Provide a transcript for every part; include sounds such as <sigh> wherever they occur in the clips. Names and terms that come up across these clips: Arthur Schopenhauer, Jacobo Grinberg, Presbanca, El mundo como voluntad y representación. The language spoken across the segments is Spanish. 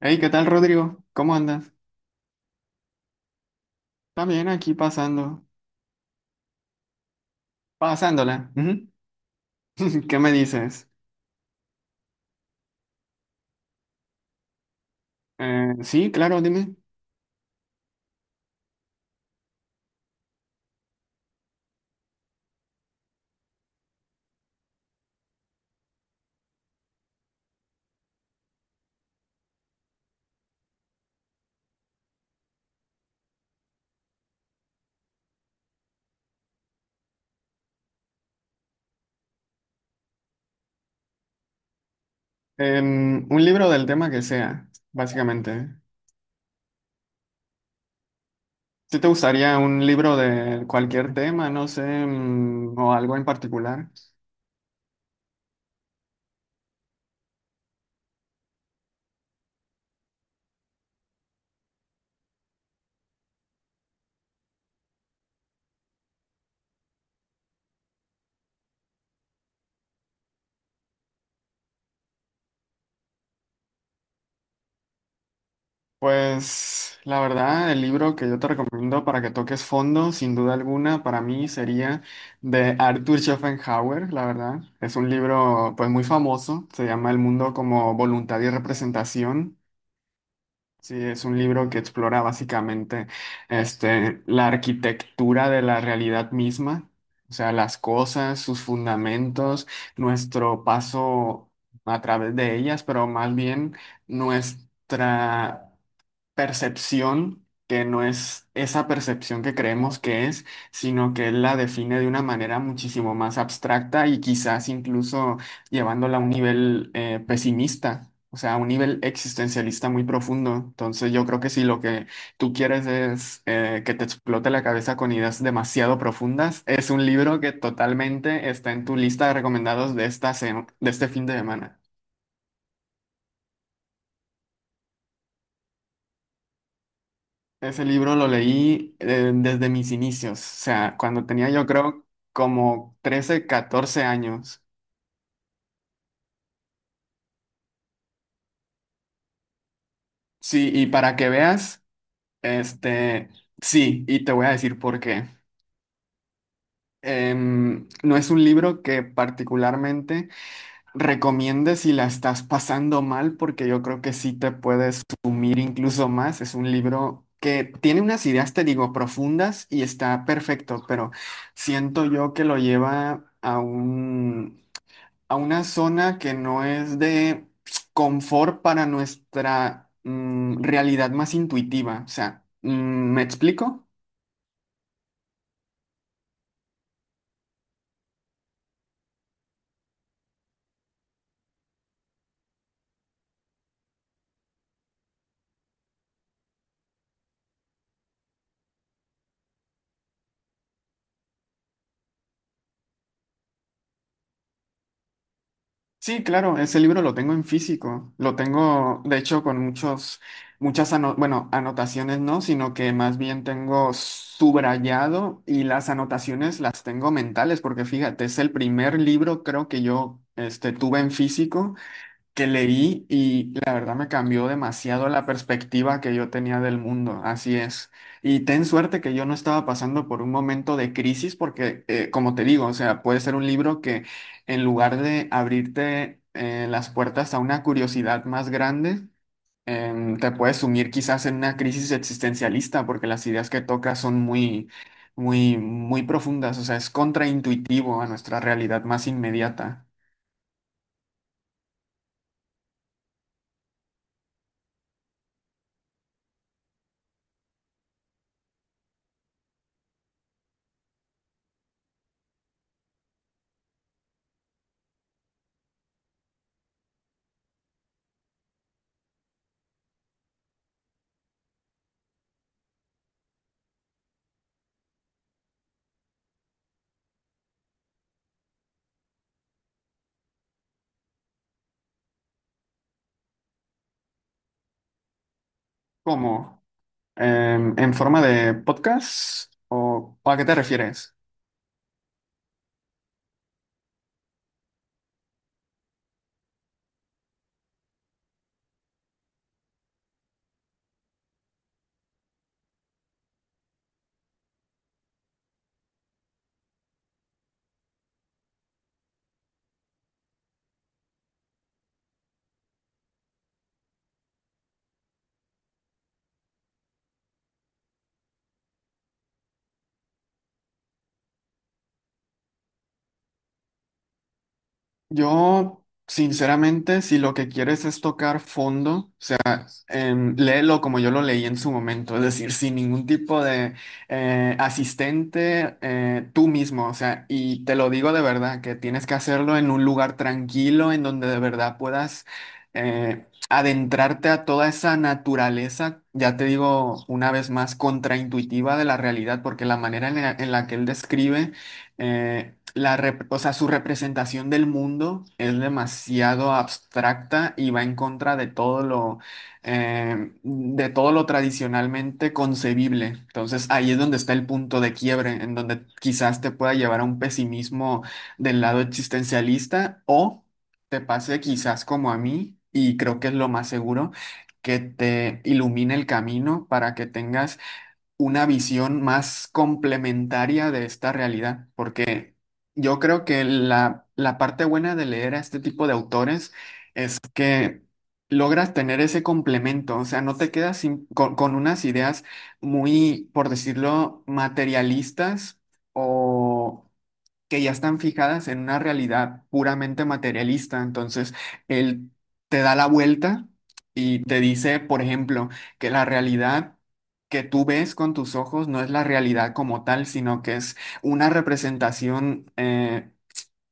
Hey, ¿qué tal, Rodrigo? ¿Cómo andas? También aquí pasando, pasándola. Ujú. <laughs> ¿Qué me dices? Sí, claro, dime. Un libro del tema que sea, básicamente. ¿Sí te gustaría un libro de cualquier tema, no sé, o algo en particular? Pues la verdad, el libro que yo te recomiendo para que toques fondo, sin duda alguna, para mí sería de Arthur Schopenhauer, la verdad. Es un libro pues muy famoso, se llama El mundo como voluntad y representación. Sí, es un libro que explora básicamente este, la arquitectura de la realidad misma, o sea, las cosas, sus fundamentos, nuestro paso a través de ellas, pero más bien nuestra percepción que no es esa percepción que creemos que es, sino que él la define de una manera muchísimo más abstracta y quizás incluso llevándola a un nivel pesimista, o sea, a un nivel existencialista muy profundo. Entonces yo creo que si lo que tú quieres es que te explote la cabeza con ideas demasiado profundas, es un libro que totalmente está en tu lista de recomendados de de este fin de semana. Ese libro lo leí desde mis inicios, o sea, cuando tenía yo creo como 13, 14 años. Sí, y para que veas, este, sí, y te voy a decir por qué. No es un libro que particularmente recomiende si la estás pasando mal, porque yo creo que sí te puedes sumir incluso más. Es un libro que tiene unas ideas, te digo, profundas y está perfecto, pero siento yo que lo lleva a un a una zona que no es de confort para nuestra realidad más intuitiva. O sea, ¿me explico? Sí, claro, ese libro lo tengo en físico. Lo tengo, de hecho, con muchas bueno, anotaciones no, sino que más bien tengo subrayado y las anotaciones las tengo mentales, porque fíjate, es el primer libro creo que yo tuve en físico. Que leí y la verdad me cambió demasiado la perspectiva que yo tenía del mundo, así es. Y ten suerte que yo no estaba pasando por un momento de crisis porque, como te digo, o sea, puede ser un libro que en lugar de abrirte las puertas a una curiosidad más grande, te puede sumir quizás en una crisis existencialista porque las ideas que toca son muy... Muy, muy profundas, o sea, es contraintuitivo a nuestra realidad más inmediata. ¿Cómo? ¿En forma de podcast o a qué te refieres? Yo, sinceramente, si lo que quieres es tocar fondo, léelo como yo lo leí en su momento, es decir, sin ningún tipo de asistente, tú mismo, o sea, y te lo digo de verdad, que tienes que hacerlo en un lugar tranquilo, en donde de verdad puedas adentrarte a toda esa naturaleza, ya te digo una vez más, contraintuitiva de la realidad, porque la manera en la que él describe... O sea, su representación del mundo es demasiado abstracta y va en contra de todo de todo lo tradicionalmente concebible. Entonces ahí es donde está el punto de quiebre, en donde quizás te pueda llevar a un pesimismo del lado existencialista o te pase quizás como a mí, y creo que es lo más seguro, que te ilumine el camino para que tengas una visión más complementaria de esta realidad, porque yo creo que la parte buena de leer a este tipo de autores es que logras tener ese complemento, o sea, no te quedas con unas ideas muy, por decirlo, materialistas. O que ya están fijadas en una realidad puramente materialista. Entonces, él te da la vuelta y te dice, por ejemplo, que la realidad que tú ves con tus ojos no es la realidad como tal, sino que es una representación eh,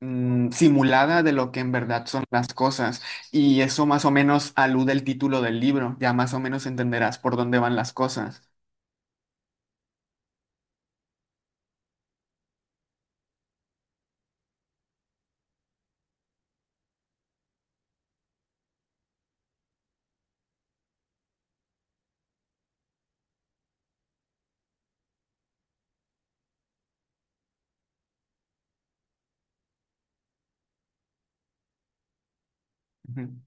mm, simulada de lo que en verdad son las cosas. Y eso más o menos alude el título del libro, ya más o menos entenderás por dónde van las cosas. Ujú.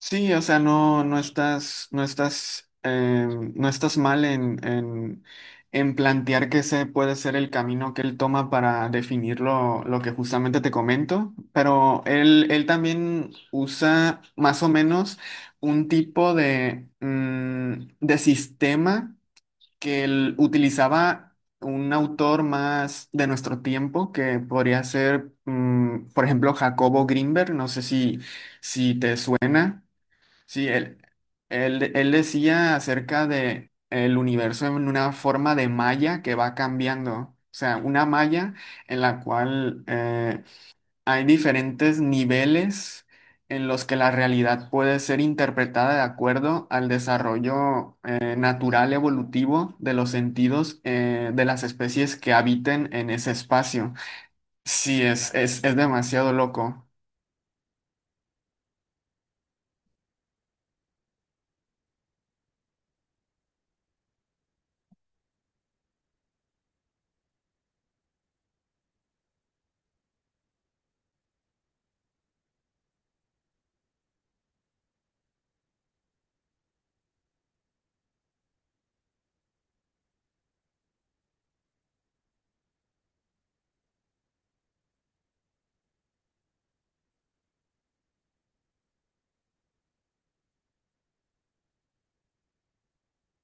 Sí, o sea, no estás mal en plantear que ese puede ser el camino que él toma para definir lo que justamente te comento, pero él también usa más o menos un tipo de sistema que él utilizaba un autor más de nuestro tiempo, que podría ser, por ejemplo, Jacobo Grinberg, no sé si, si te suena. Sí, él decía acerca de el universo en una forma de malla que va cambiando. O sea, una malla en la cual hay diferentes niveles en los que la realidad puede ser interpretada de acuerdo al desarrollo natural evolutivo de los sentidos de las especies que habiten en ese espacio. Sí, es demasiado loco.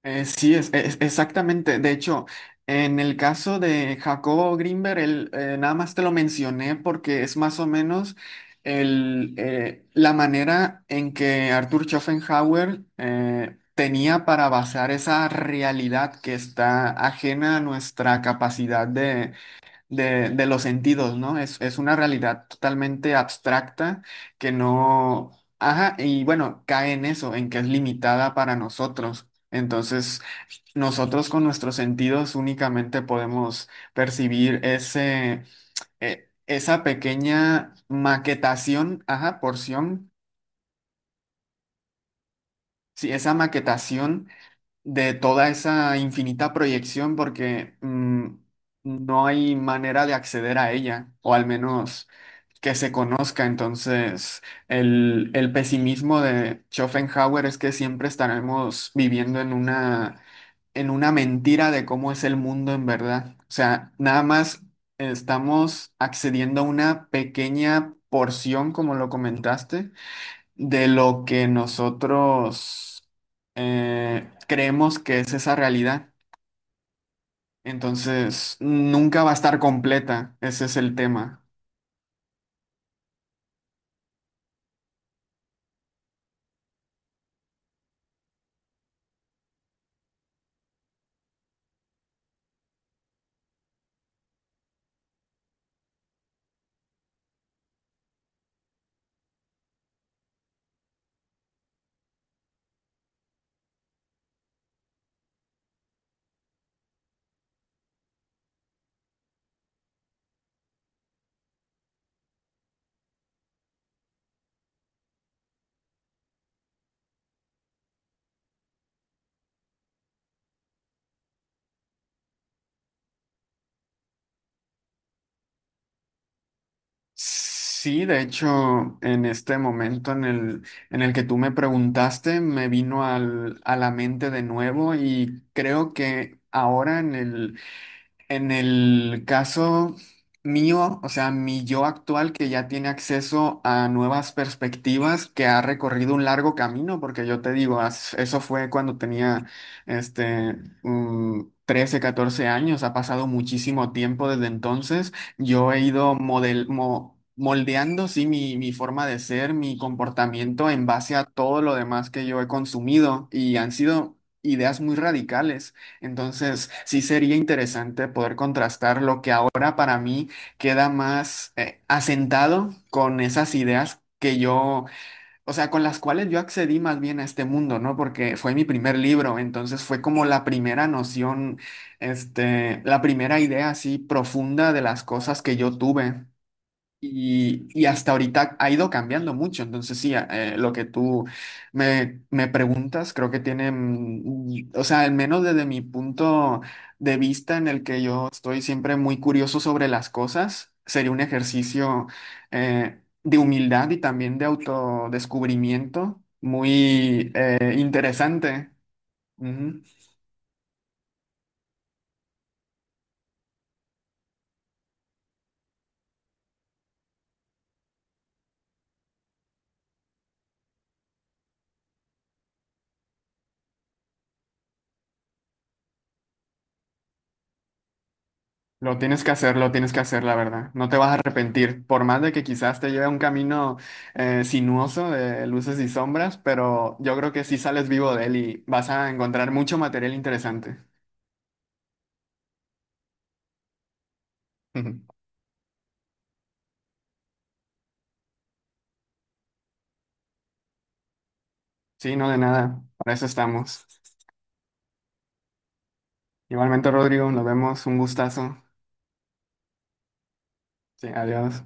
Sí, exactamente. De hecho, en el caso de Jacobo Grinberg, nada más te lo mencioné porque es más o menos la manera en que Arthur Schopenhauer tenía para basar esa realidad que está ajena a nuestra capacidad de los sentidos, ¿no? Es una realidad totalmente abstracta que no... Ajá, y bueno, cae en eso, en que es limitada para nosotros. Entonces... Nosotros con nuestros sentidos únicamente podemos percibir esa pequeña maquetación, ajá, porción, sí, esa maquetación de toda esa infinita proyección porque no hay manera de acceder a ella, o al menos que se conozca. Entonces, el pesimismo de Schopenhauer es que siempre estaremos viviendo en una mentira de cómo es el mundo en verdad. O sea, nada más estamos accediendo a una pequeña porción, como lo comentaste de lo que nosotros creemos que es esa realidad. Entonces, nunca va a estar completa, ese es el tema. Sí, de hecho, en este momento en el que tú me preguntaste, me vino a la mente de nuevo y creo que ahora en el En el caso mío, o sea, mi yo actual que ya tiene acceso a nuevas perspectivas, que ha recorrido un largo camino, porque yo te digo, as- eso fue cuando tenía este, 13, 14 años, ha pasado muchísimo tiempo desde entonces, yo he ido moldeando, sí, mi forma de ser, mi comportamiento en base a todo lo demás que yo he consumido y han sido ideas muy radicales. Entonces, sí sería interesante poder contrastar lo que ahora para mí queda más asentado con esas ideas que yo, o sea, con las cuales yo accedí más bien a este mundo, ¿no? Porque fue mi primer libro, entonces fue como la primera noción, este, la primera idea así profunda de las cosas que yo tuve. Y hasta ahorita ha ido cambiando mucho. Entonces, sí, lo que tú me preguntas, creo que tiene, o sea, al menos desde mi punto de vista en el que yo estoy siempre muy curioso sobre las cosas, sería un ejercicio de humildad y también de autodescubrimiento muy interesante. Ujú. Lo tienes que hacer, lo tienes que hacer, la verdad. No te vas a arrepentir, por más de que quizás te lleve a un camino sinuoso de luces y sombras, pero yo creo que sí sales vivo de él y vas a encontrar mucho material interesante. <laughs> Sí, no, de nada, para eso estamos. Igualmente, Rodrigo, nos vemos, un gustazo. Sí, adiós.